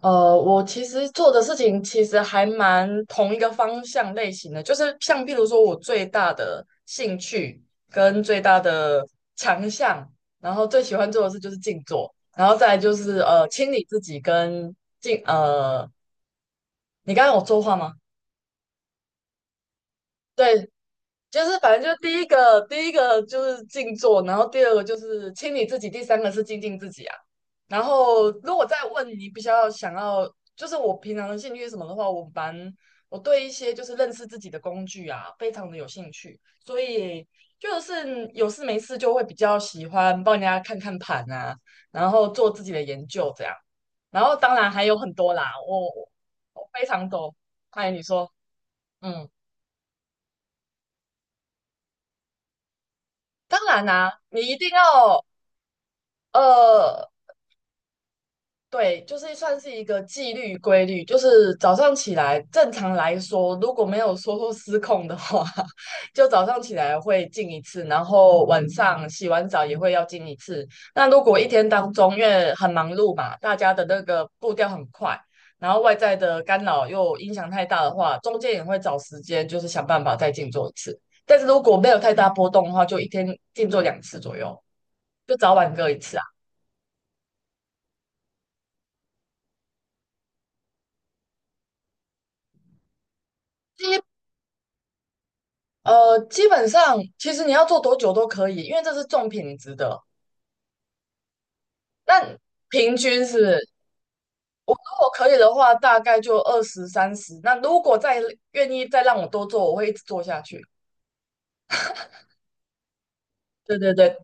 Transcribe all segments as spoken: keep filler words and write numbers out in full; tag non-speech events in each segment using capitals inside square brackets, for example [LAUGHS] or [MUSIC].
呃，我其实做的事情其实还蛮同一个方向类型的，就是像譬如说我最大的兴趣跟最大的强项，然后最喜欢做的事就是静坐，然后再来就是呃清理自己跟静呃，你刚刚有说话吗？对，就是反正就第一个，第一个就是静坐，然后第二个就是清理自己，第三个是精进自己啊。然后如果再问你比较想要，就是我平常的兴趣是什么的话，我蛮我对一些就是认识自己的工具啊，非常的有兴趣，所以就是有事没事就会比较喜欢帮人家看看盘啊，然后做自己的研究这样。然后当然还有很多啦，我我我非常多。哎，你说，嗯。当然啦、你一定要呃，对，就是算是一个纪律规律，就是早上起来，正常来说，如果没有说失控的话，[LAUGHS] 就早上起来会进一次，然后晚上洗完澡也会要进一次。那如果一天当中，因为很忙碌嘛，大家的那个步调很快，然后外在的干扰又影响太大的话，中间也会找时间，就是想办法再静坐一次。但是如果没有太大波动的话，就一天静坐两次左右。就早晚各一次啊。基呃，基本上其实你要做多久都可以，因为这是重品质的。那平均是不是，如果可以的话，大概就二十三十。那如果再愿意再让我多做，我会一直做下去。对对对。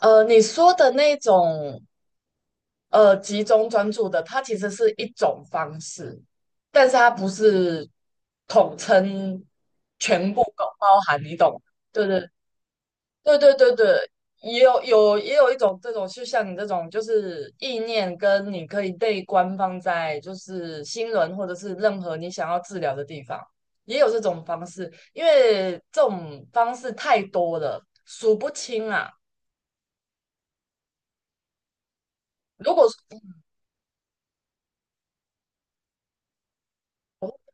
呃，你说的那种呃集中专注的，它其实是一种方式，但是它不是统称全部都包含，你懂吗？对对对对对对。也有有也有一种这种，就像你这种，就是意念跟你可以被官方在就是新闻或者是任何你想要治疗的地方，也有这种方式，因为这种方式太多了，数不清啊。如果说你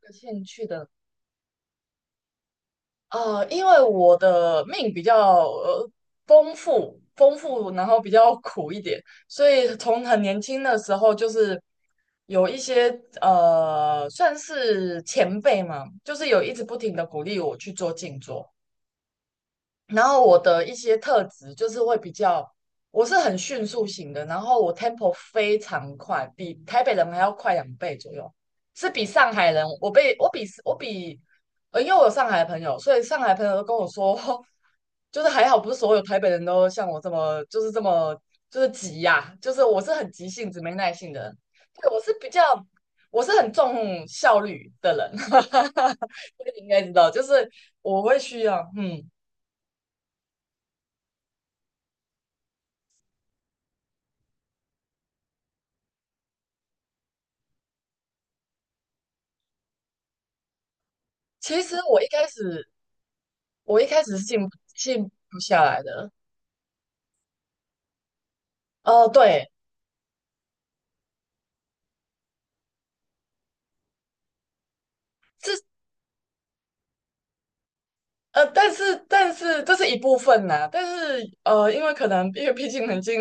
有兴趣的。呃，因为我的命比较呃丰富，丰富，然后比较苦一点，所以从很年轻的时候就是有一些呃，算是前辈嘛，就是有一直不停的鼓励我去做静坐，然后我的一些特质就是会比较，我是很迅速型的，然后我 tempo 非常快，比台北人还要快两倍左右，是比上海人，我被我比我比，呃，因为我有上海的朋友，所以上海朋友都跟我说，[LAUGHS] 就是还好不是所有台北人都像我这么就是这么就是急呀、就是我是很急性子、没耐性的人，对，我是比较。我是很重效率的人，[LAUGHS] 所以你应该知道，就是我会需要，嗯。其实我一开始，我一开始是静不静不下来的。哦、对。呃，但是但是这是一部分呐、但是呃，因为可能因为毕竟已经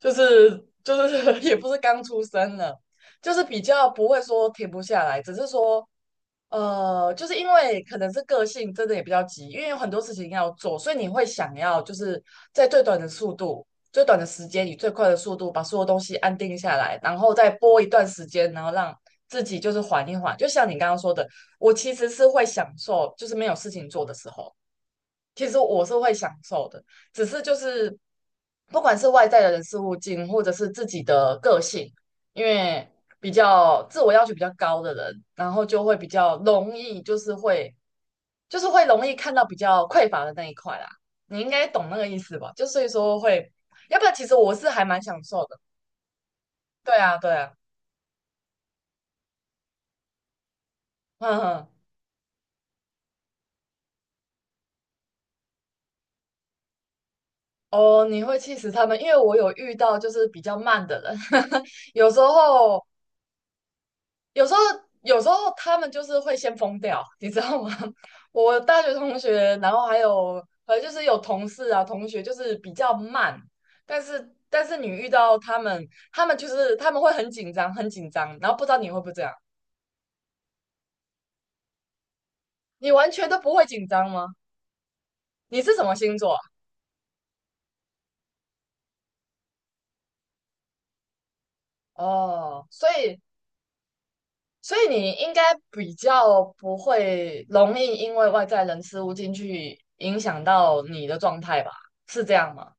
就是就是 [LAUGHS] 也不是刚出生了，就是比较不会说停不下来，只是说呃，就是因为可能是个性真的也比较急，因为有很多事情要做，所以你会想要就是在最短的速度、最短的时间以最快的速度把所有东西安定下来，然后再播一段时间，然后让自己就是缓一缓。就像你刚刚说的，我其实是会享受就是没有事情做的时候。其实我是会享受的，只是就是不管是外在的人事物进，或者是自己的个性，因为比较自我要求比较高的人，然后就会比较容易，就是会就是会容易看到比较匮乏的那一块啦。你应该懂那个意思吧？就所以说会，要不然其实我是还蛮享受的。对啊，对啊。嗯哼。哦，你会气死他们，因为我有遇到就是比较慢的人，[LAUGHS] 有时候有时候，有时候他们就是会先疯掉，你知道吗？[LAUGHS] 我大学同学，然后还有，反正就是有同事啊，同学就是比较慢，但是但是你遇到他们，他们就是他们会很紧张，很紧张，然后不知道你会不会这样，你完全都不会紧张吗？你是什么星座啊？哦，所以所以你应该比较不会容易因为外在人事物进去影响到你的状态吧？是这样吗？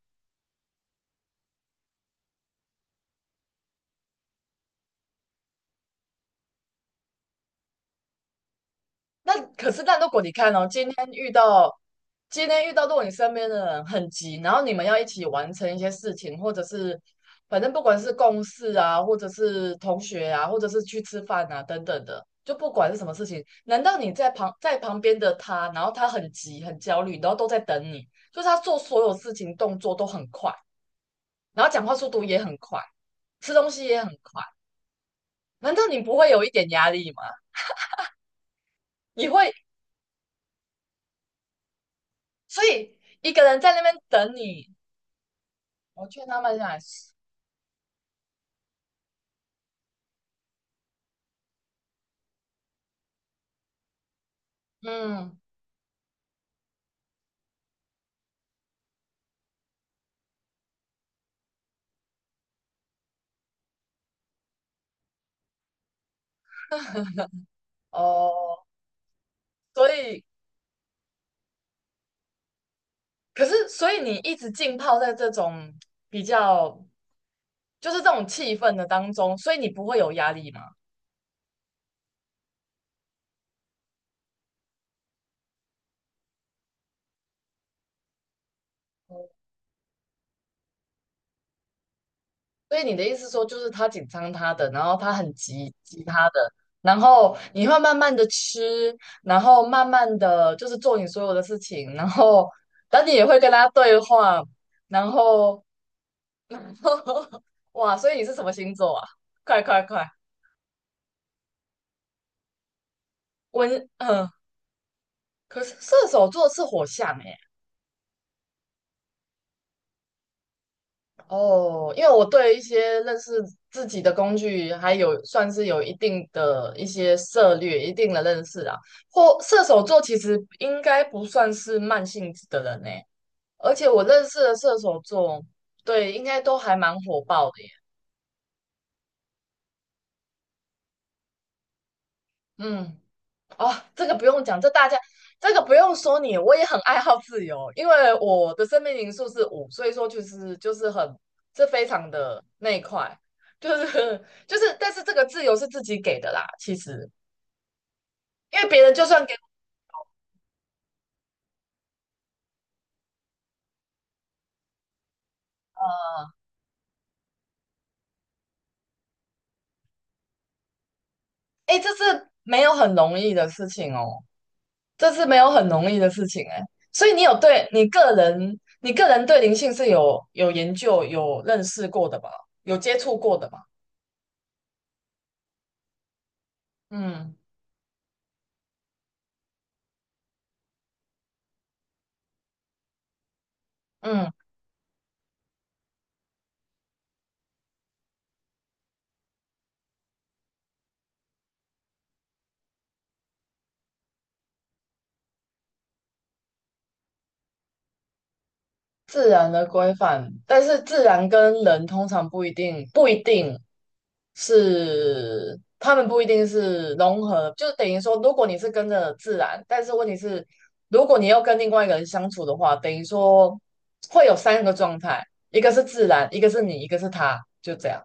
那可是，但如果你看哦，今天遇到今天遇到，如果你身边的人很急，然后你们要一起完成一些事情，或者是反正不管是共事啊，或者是同学啊，或者是去吃饭啊等等的，就不管是什么事情，难道你在旁在旁边的他，然后他很急很焦虑，然后都在等你，就是他做所有事情动作都很快，然后讲话速度也很快，吃东西也很快，难道你不会有一点压力吗？你会，所以一个人在那边等你。我劝他们来是，嗯。哦，所以，可是，所以你一直浸泡在这种比较，就是这种气氛的当中，所以你不会有压力嘛？哦，所以你的意思说，就是他紧张他的，然后他很急急他的，然后你会慢慢的吃，然后慢慢的就是做你所有的事情，然后，但你也会跟他对话，然后，[LAUGHS] 哇，所以你是什么星座啊？快快快。温，嗯。可是射手座是火象诶、哦，因为我对一些认识自己的工具还有算是有一定的一些涉略、一定的认识啊。或射手座其实应该不算是慢性子的人呢、而且我认识的射手座，对，应该都还蛮火爆的耶。嗯。哦，这个不用讲，这大家这个不用说你，我也很爱好自由，因为我的生命灵数是五，所以说就是就是很这非常的那一块，就是就是，但是这个自由是自己给的啦，其实因为别人就算给我，哎，这是没有很容易的事情哦，这是没有很容易的事情哎，所以你有对你个人你个人对灵性是有有研究有认识过的吧？有接触过的吧？嗯嗯。自然的规范，但是自然跟人通常不一定不一定是，他们不一定是融合，就等于说，如果你是跟着自然，但是问题是，如果你要跟另外一个人相处的话，等于说会有三个状态，一个是自然，一个是你，一个是他，就这样。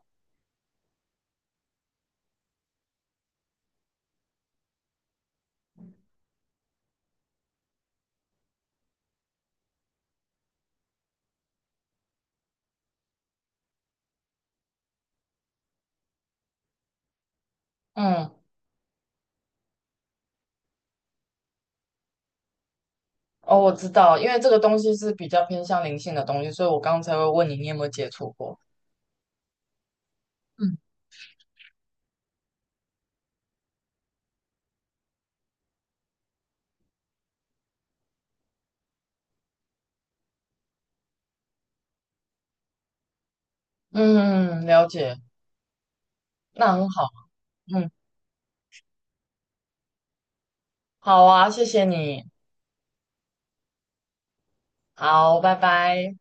嗯。哦，我知道，因为这个东西是比较偏向灵性的东西，所以我刚才会问你，你有没有接触过？嗯嗯。了解，那很好，嗯，好啊，谢谢你。好，拜拜。